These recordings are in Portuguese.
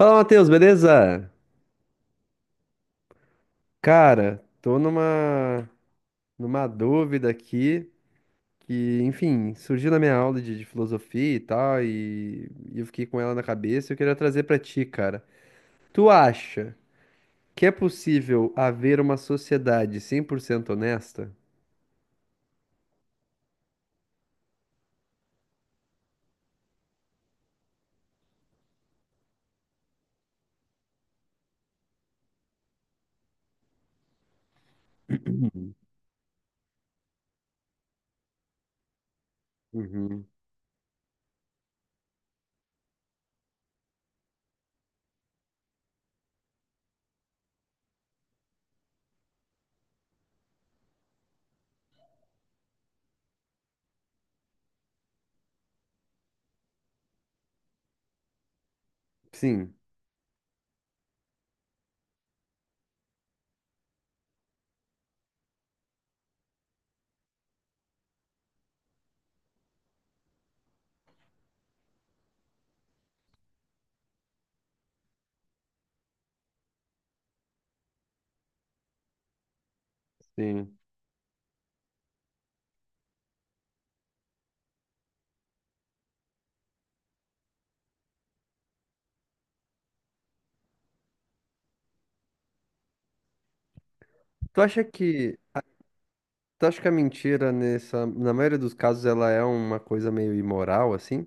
Fala, Matheus, beleza? Cara, tô numa dúvida aqui que, enfim, surgiu na minha aula de filosofia e tal, e eu fiquei com ela na cabeça e eu queria trazer pra ti, cara. Tu acha que é possível haver uma sociedade cem por cento honesta? Uhum. Uhum. Sim, sim. Tu tu acha que a mentira, na maioria dos casos, ela é uma coisa meio imoral, assim?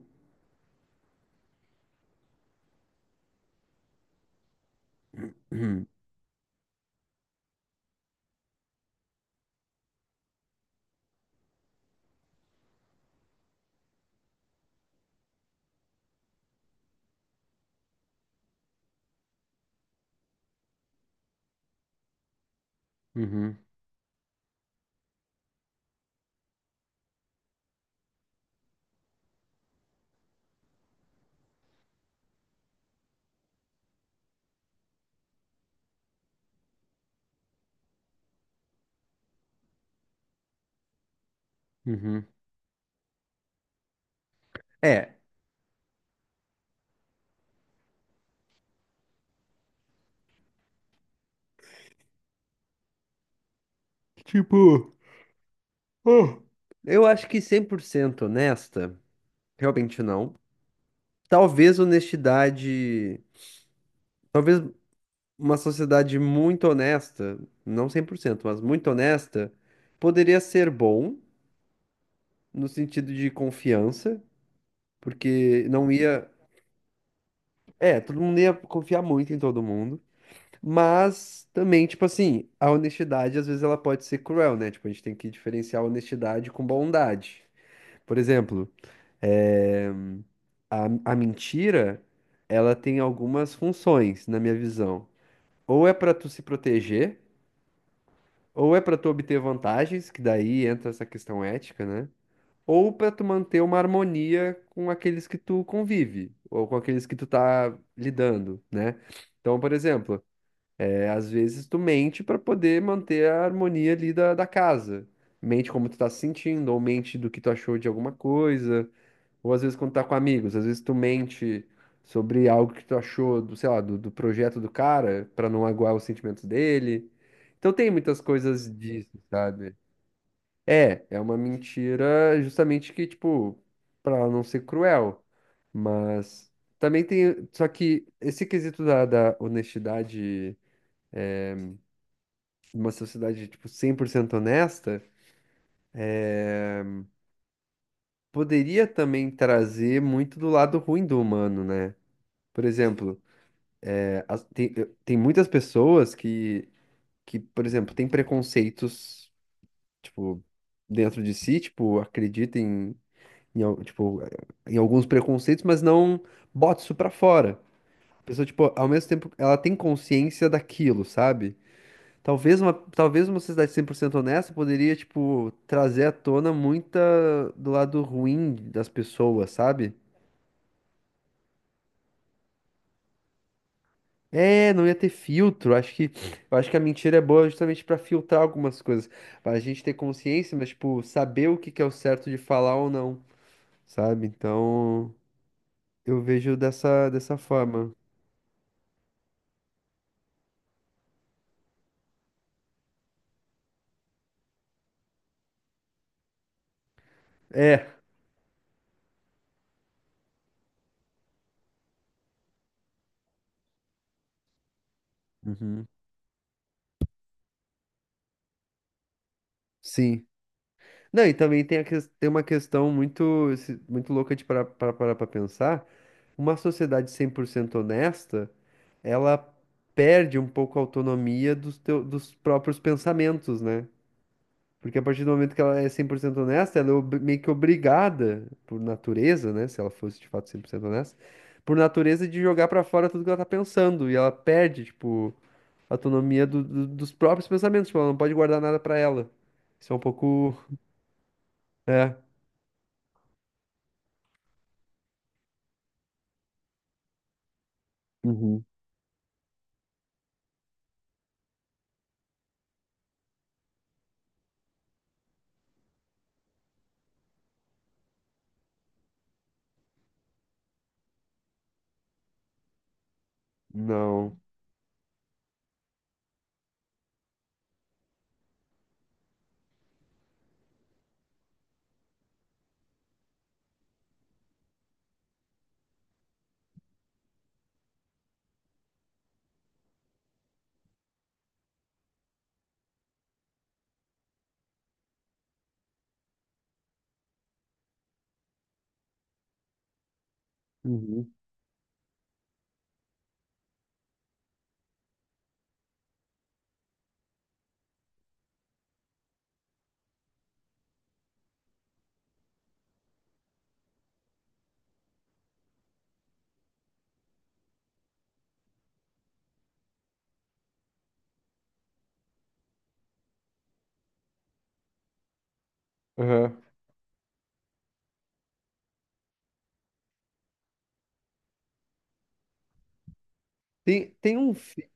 Uhum. uhum. É, tipo. Uh. Eu acho que 100% honesta, realmente não. Talvez honestidade, talvez uma sociedade muito honesta, não 100%, mas muito honesta, poderia ser bom no sentido de confiança, porque não ia, é, todo mundo ia confiar muito em todo mundo, mas também, tipo assim, a honestidade às vezes ela pode ser cruel, né? Tipo, a gente tem que diferenciar honestidade com bondade. Por exemplo, é, A, a mentira, ela tem algumas funções, na minha visão. Ou é para tu se proteger, ou é para tu obter vantagens, que daí entra essa questão ética, né? Ou para tu manter uma harmonia com aqueles que tu convive, ou com aqueles que tu tá lidando, né? Então, por exemplo, é, às vezes tu mente para poder manter a harmonia ali da casa. Mente como tu tá se sentindo, ou mente do que tu achou de alguma coisa. Ou às vezes quando tá com amigos, às vezes tu mente sobre algo que tu achou sei lá, do projeto do cara, pra não aguar os sentimentos dele. Então tem muitas coisas disso, sabe? É, é uma mentira justamente que, tipo, pra ela não ser cruel. Mas também tem. Só que esse quesito da honestidade, é, uma sociedade, tipo, 100% honesta, poderia também trazer muito do lado ruim do humano, né? Por exemplo, tem muitas pessoas que, por exemplo, têm preconceitos, tipo, dentro de si, tipo, acreditam tipo, em alguns preconceitos, mas não bota isso pra fora. A pessoa, tipo, ao mesmo tempo, ela tem consciência daquilo, sabe? Talvez uma sociedade 100% honesta poderia, tipo, trazer à tona muita do lado ruim das pessoas, sabe? É, não ia ter filtro. Eu acho que a mentira é boa justamente pra filtrar algumas coisas, pra gente ter consciência, mas tipo saber o que que é o certo de falar ou não, sabe? Então eu vejo dessa forma. É. Uhum. Sim. Não, e também tem, tem uma questão muito se- muito louca de parar para pensar. Uma sociedade 100% honesta, ela perde um pouco a autonomia dos, teu, dos próprios pensamentos, né? Porque a partir do momento que ela é 100% honesta, ela é meio que obrigada, por natureza, né? Se ela fosse de fato 100% honesta, por natureza de jogar pra fora tudo que ela tá pensando. E ela perde, tipo, a autonomia dos próprios pensamentos. Tipo, ela não pode guardar nada pra ela. Isso é um pouco. É. Uhum. Não. Uhum. Aham. Tem um.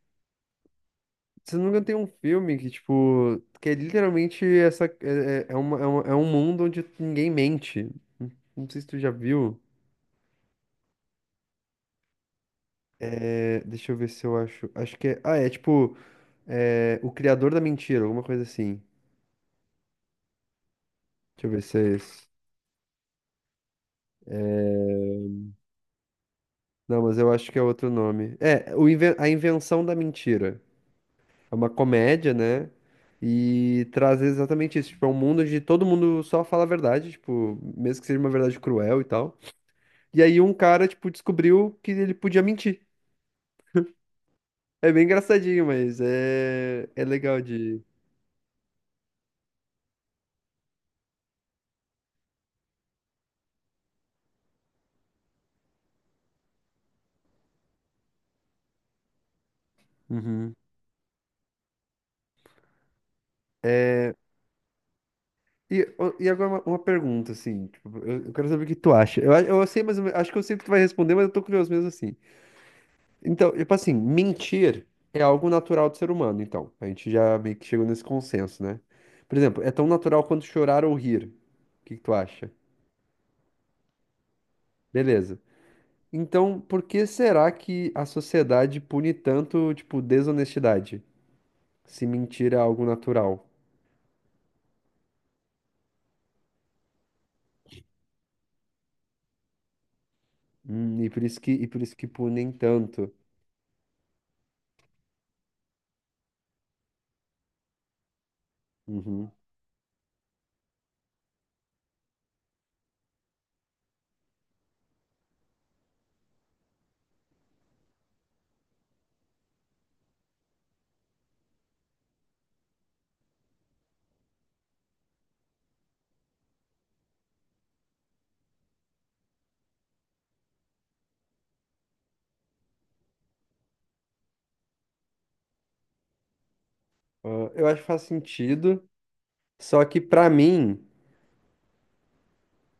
Se não me engano, tem um filme que, tipo, que é literalmente essa. É um mundo onde ninguém mente. Não sei se tu já viu. É, deixa eu ver se eu acho. Acho que é. Ah, é tipo. É, o Criador da Mentira, alguma coisa assim. Deixa eu ver se é esse. Não, mas eu acho que é outro nome. É, o A Invenção da Mentira. É uma comédia, né? E traz exatamente isso. Tipo, é um mundo onde todo mundo só fala a verdade, tipo, mesmo que seja uma verdade cruel e tal. E aí um cara, tipo, descobriu que ele podia mentir. É bem engraçadinho, mas é legal de. Uhum. E agora uma pergunta, assim, tipo, eu quero saber o que tu acha. Eu sei, mas acho que eu sei o que tu vai responder, mas eu tô curioso mesmo assim. Então, tipo assim, mentir é algo natural do ser humano, então. A gente já meio que chegou nesse consenso, né? Por exemplo, é tão natural quanto chorar ou rir. O que que tu acha? Beleza. Então, por que será que a sociedade pune tanto, tipo, desonestidade? Se mentir é algo natural. E por isso e por isso que punem tanto. Uhum. Ah, eu acho que faz sentido. Só que pra mim,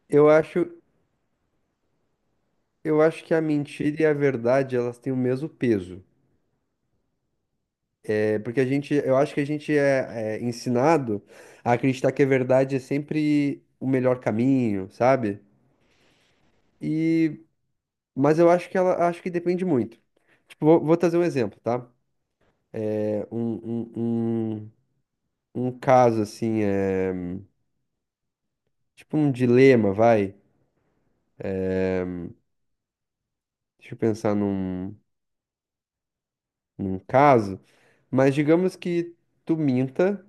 eu acho, eu acho que a mentira e a verdade, elas têm o mesmo peso. É porque a gente, eu acho que a gente é ensinado a acreditar que a verdade é sempre o melhor caminho, sabe? E, mas eu acho que ela, acho que depende muito. Tipo, vou trazer um exemplo, tá? É, um, um, um, um caso assim, é tipo um dilema, vai. Deixa eu pensar num caso. Mas digamos que tu minta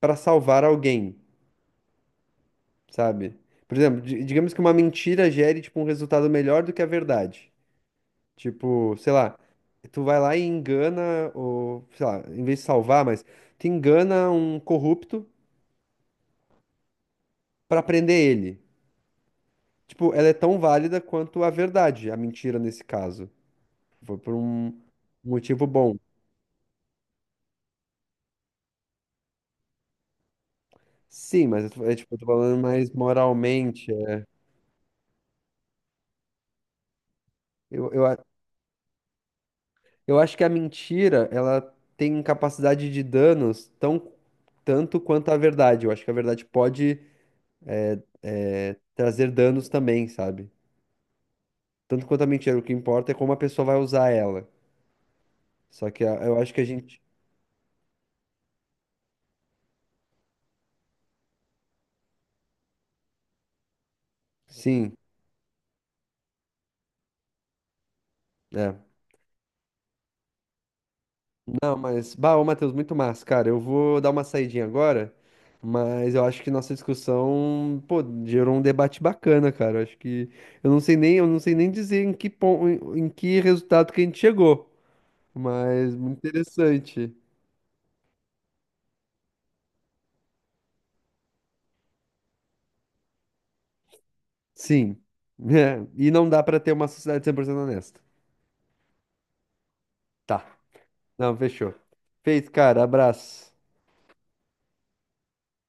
pra salvar alguém. Sabe? Por exemplo, digamos que uma mentira gere, tipo, um resultado melhor do que a verdade. Tipo, sei lá, tu vai lá e engana, ou, sei lá, em vez de salvar, mas tu engana um corrupto pra prender ele. Tipo, ela é tão válida quanto a verdade, a mentira nesse caso. Foi por um motivo bom. É, tipo, eu tô falando mais moralmente. Eu, eu, Eu acho que a mentira, ela tem capacidade de danos tão tanto quanto a verdade. Eu acho que a verdade pode trazer danos também, sabe? Tanto quanto a mentira, o que importa é como a pessoa vai usar ela. Só que eu acho que a gente. Sim, é. Não, mas. Bah, ô Matheus, muito massa, cara. Eu vou dar uma saidinha agora, mas eu acho que nossa discussão, pô, gerou um debate bacana, cara. Eu acho que. Eu não sei nem dizer em que ponto, em em que resultado que a gente chegou. Mas muito interessante. Sim. É, e não dá pra ter uma sociedade 100% honesta. Tá. Não, fechou. Feito, cara. Abraço.